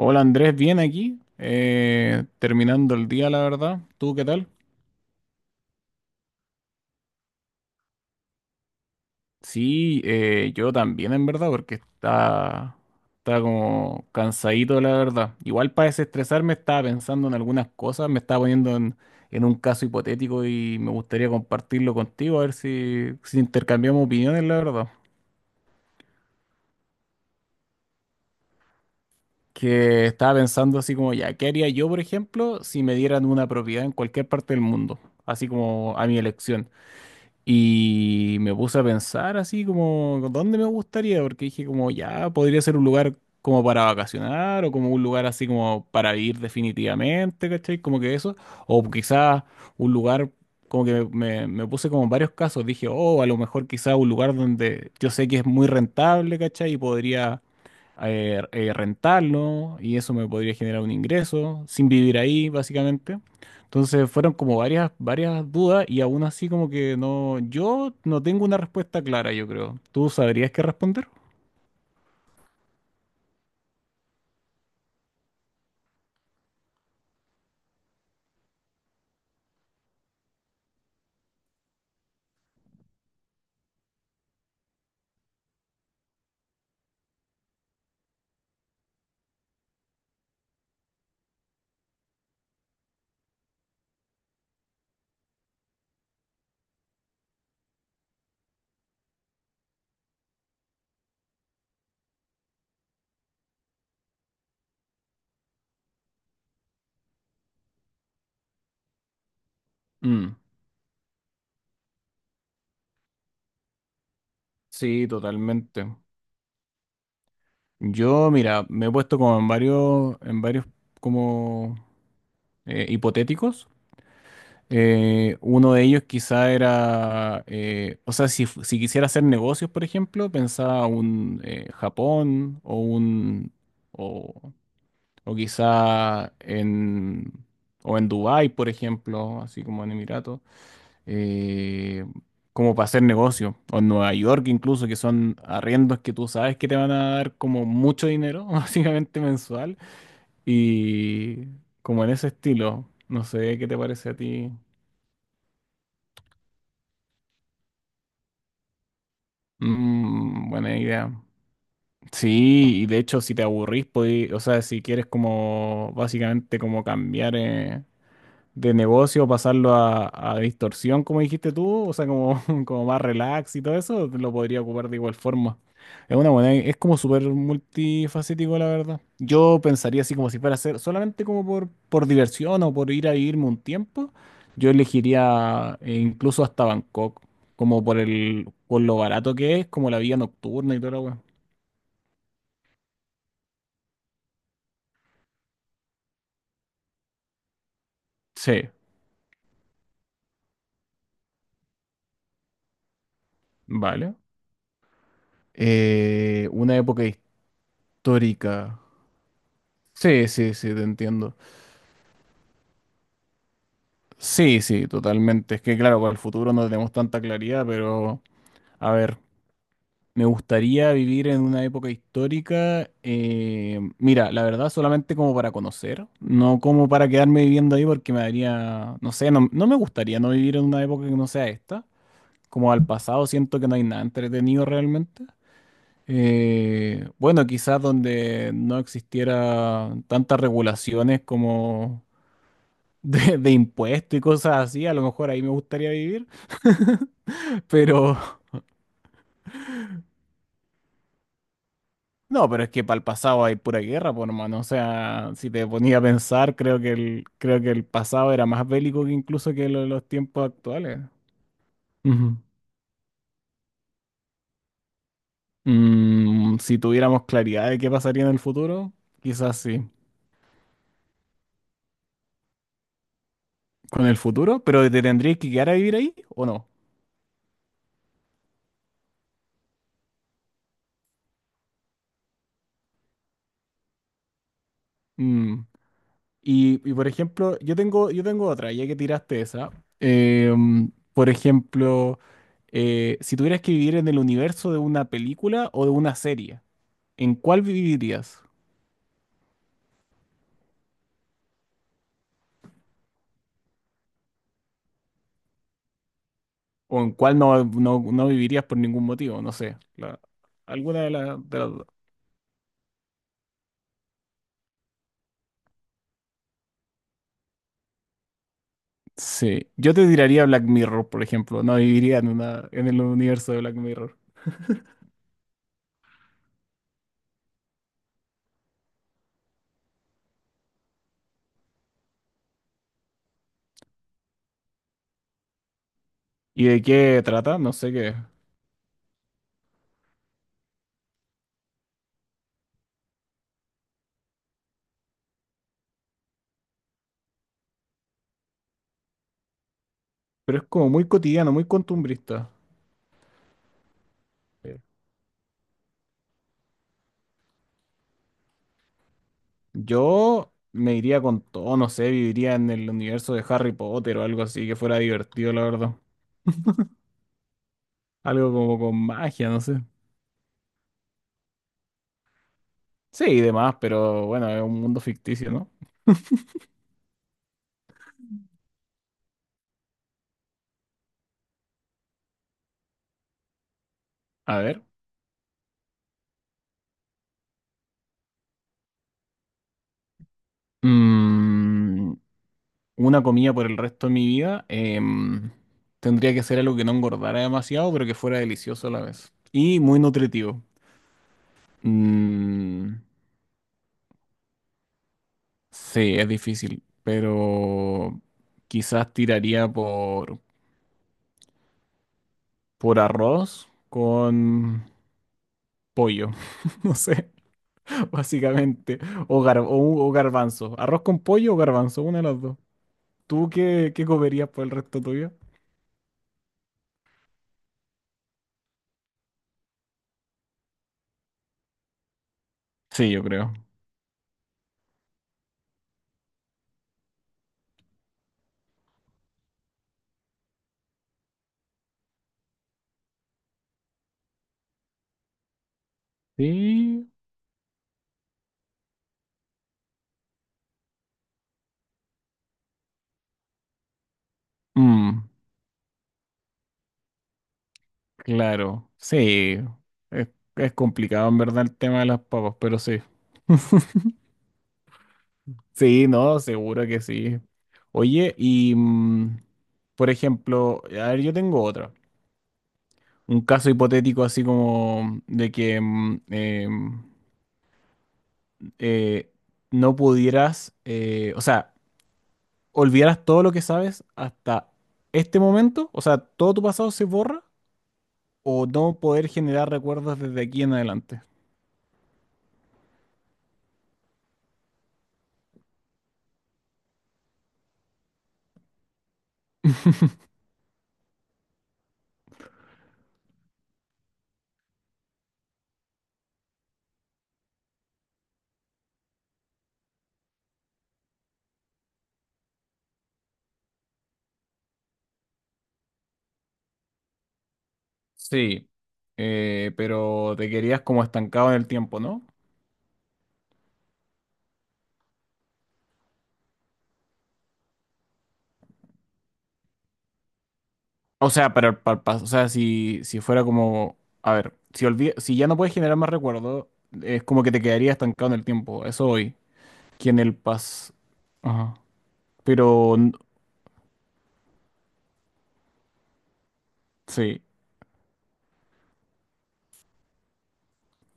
Hola Andrés, bien aquí, terminando el día, la verdad. ¿Tú qué tal? Sí, yo también en verdad, porque está, está como cansadito, la verdad. Igual para desestresarme estaba pensando en algunas cosas, me estaba poniendo en un caso hipotético y me gustaría compartirlo contigo, a ver si intercambiamos opiniones, la verdad. Que estaba pensando así como, ya, ¿qué haría yo, por ejemplo, si me dieran una propiedad en cualquier parte del mundo? Así como a mi elección. Y me puse a pensar así como, ¿dónde me gustaría? Porque dije como, ya, podría ser un lugar como para vacacionar o como un lugar así como para vivir definitivamente, ¿cachai? Como que eso. O quizás un lugar, como que me puse como en varios casos. Dije, oh, a lo mejor quizás un lugar donde yo sé que es muy rentable, ¿cachai? Y podría rentarlo y eso me podría generar un ingreso sin vivir ahí, básicamente. Entonces fueron como varias dudas y aún así como que no, yo no tengo una respuesta clara, yo creo. ¿Tú sabrías qué responder? Mm, sí, totalmente. Yo, mira, me he puesto como en varios como hipotéticos. Uno de ellos quizá era, o sea, si, si quisiera hacer negocios, por ejemplo, pensaba un Japón o un, o quizá en, o en Dubái, por ejemplo, así como en Emiratos, eh, como para hacer negocio. O en Nueva York incluso, que son arriendos que tú sabes que te van a dar como mucho dinero, básicamente mensual. Y como en ese estilo, no sé qué te parece a ti. Mm, buena idea. Sí, y de hecho si te aburrís, o sea, si quieres como básicamente como cambiar, de negocio, pasarlo a distorsión, como dijiste tú, o sea, como, como más relax y todo eso, lo podría ocupar de igual forma. Es una buena, es como súper multifacético, la verdad. Yo pensaría así como si fuera a ser solamente como por diversión o por ir a vivirme un tiempo, yo elegiría incluso hasta Bangkok, como por el, por lo barato que es, como la vida nocturna y todo lo weón. Sí, vale. Una época histórica. Sí, sí, sí, te entiendo. Sí, sí, totalmente. Es que claro, para el futuro no tenemos tanta claridad, pero a ver, me gustaría vivir en una época histórica. Mira, la verdad, solamente como para conocer, no como para quedarme viviendo ahí porque me daría, no sé, no, no me gustaría no vivir en una época que no sea esta. Como al pasado siento que no hay nada entretenido realmente. Bueno, quizás donde no existiera tantas regulaciones como de impuestos y cosas así, a lo mejor ahí me gustaría vivir. Pero no, pero es que para el pasado hay pura guerra, por hermano. O sea, si te ponía a pensar, creo que el pasado era más bélico que incluso que los tiempos actuales. Ujú. Mm, si tuviéramos claridad de qué pasaría en el futuro, quizás sí. Con el futuro, pero ¿te tendrías que quedar a vivir ahí o no? Mm. Por ejemplo, yo tengo otra, ya que tiraste esa. Por ejemplo, si tuvieras que vivir en el universo de una película o de una serie, ¿en cuál vivirías? ¿O en cuál no vivirías por ningún motivo? No sé. Alguna de, de las dos. Sí. Yo te tiraría Black Mirror, por ejemplo. No viviría en una, en el universo de Black Mirror. ¿Y de qué trata? No sé qué. Pero es como muy cotidiano, muy costumbrista. Yo me iría con todo, no sé, viviría en el universo de Harry Potter o algo así que fuera divertido, la verdad. Algo como con magia, no sé. Sí, y demás, pero bueno, es un mundo ficticio, ¿no? A ver. Mm, una comida por el resto de mi vida. Tendría que ser algo que no engordara demasiado, pero que fuera delicioso a la vez. Y muy nutritivo. Mm, sí, es difícil, pero quizás tiraría por arroz con pollo, no sé, básicamente, o, o, o garbanzo, arroz con pollo o garbanzo, una de las dos. ¿Tú qué comerías por el resto tuyo? Sí, yo creo. Sí. Mm, claro, sí, es, es complicado en verdad el tema de las papas, pero sí. Sí, no, seguro que sí. Oye, y mm, por ejemplo, a ver, yo tengo otra. Un caso hipotético así como de que eh, no pudieras, o sea, olvidaras todo lo que sabes hasta este momento, o sea, todo tu pasado se borra o no poder generar recuerdos desde aquí en adelante. Sí, pero te querías como estancado en el tiempo, ¿no? O sea, para el para o sea, si, si fuera como, a ver, si ya no puedes generar más recuerdos, es como que te quedaría estancado en el tiempo, eso hoy, que en el pas, ajá, pero sí,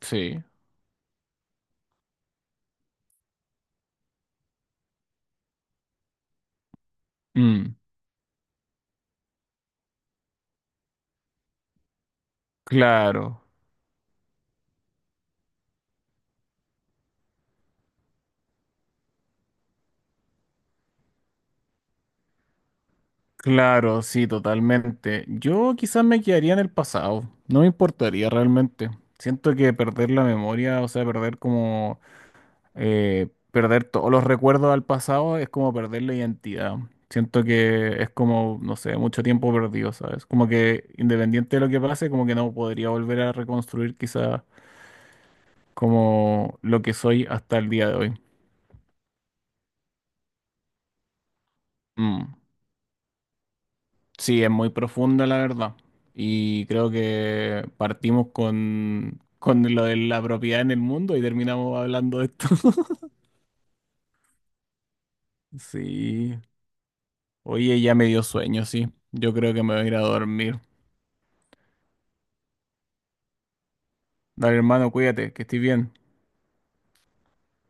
sí. Mm. Claro, claro, sí, totalmente. Yo quizás me quedaría en el pasado, no me importaría realmente. Siento que perder la memoria, o sea, perder como, perder todos los recuerdos al pasado es como perder la identidad. Siento que es como, no sé, mucho tiempo perdido, ¿sabes? Como que independiente de lo que pase, como que no podría volver a reconstruir quizás como lo que soy hasta el día de hoy. Mm. Sí, es muy profunda la verdad. Y creo que partimos con lo de la propiedad en el mundo y terminamos hablando de esto. Sí. Oye, ya me dio sueño, sí. Yo creo que me voy a ir a dormir. Dale, hermano, cuídate, que estés bien.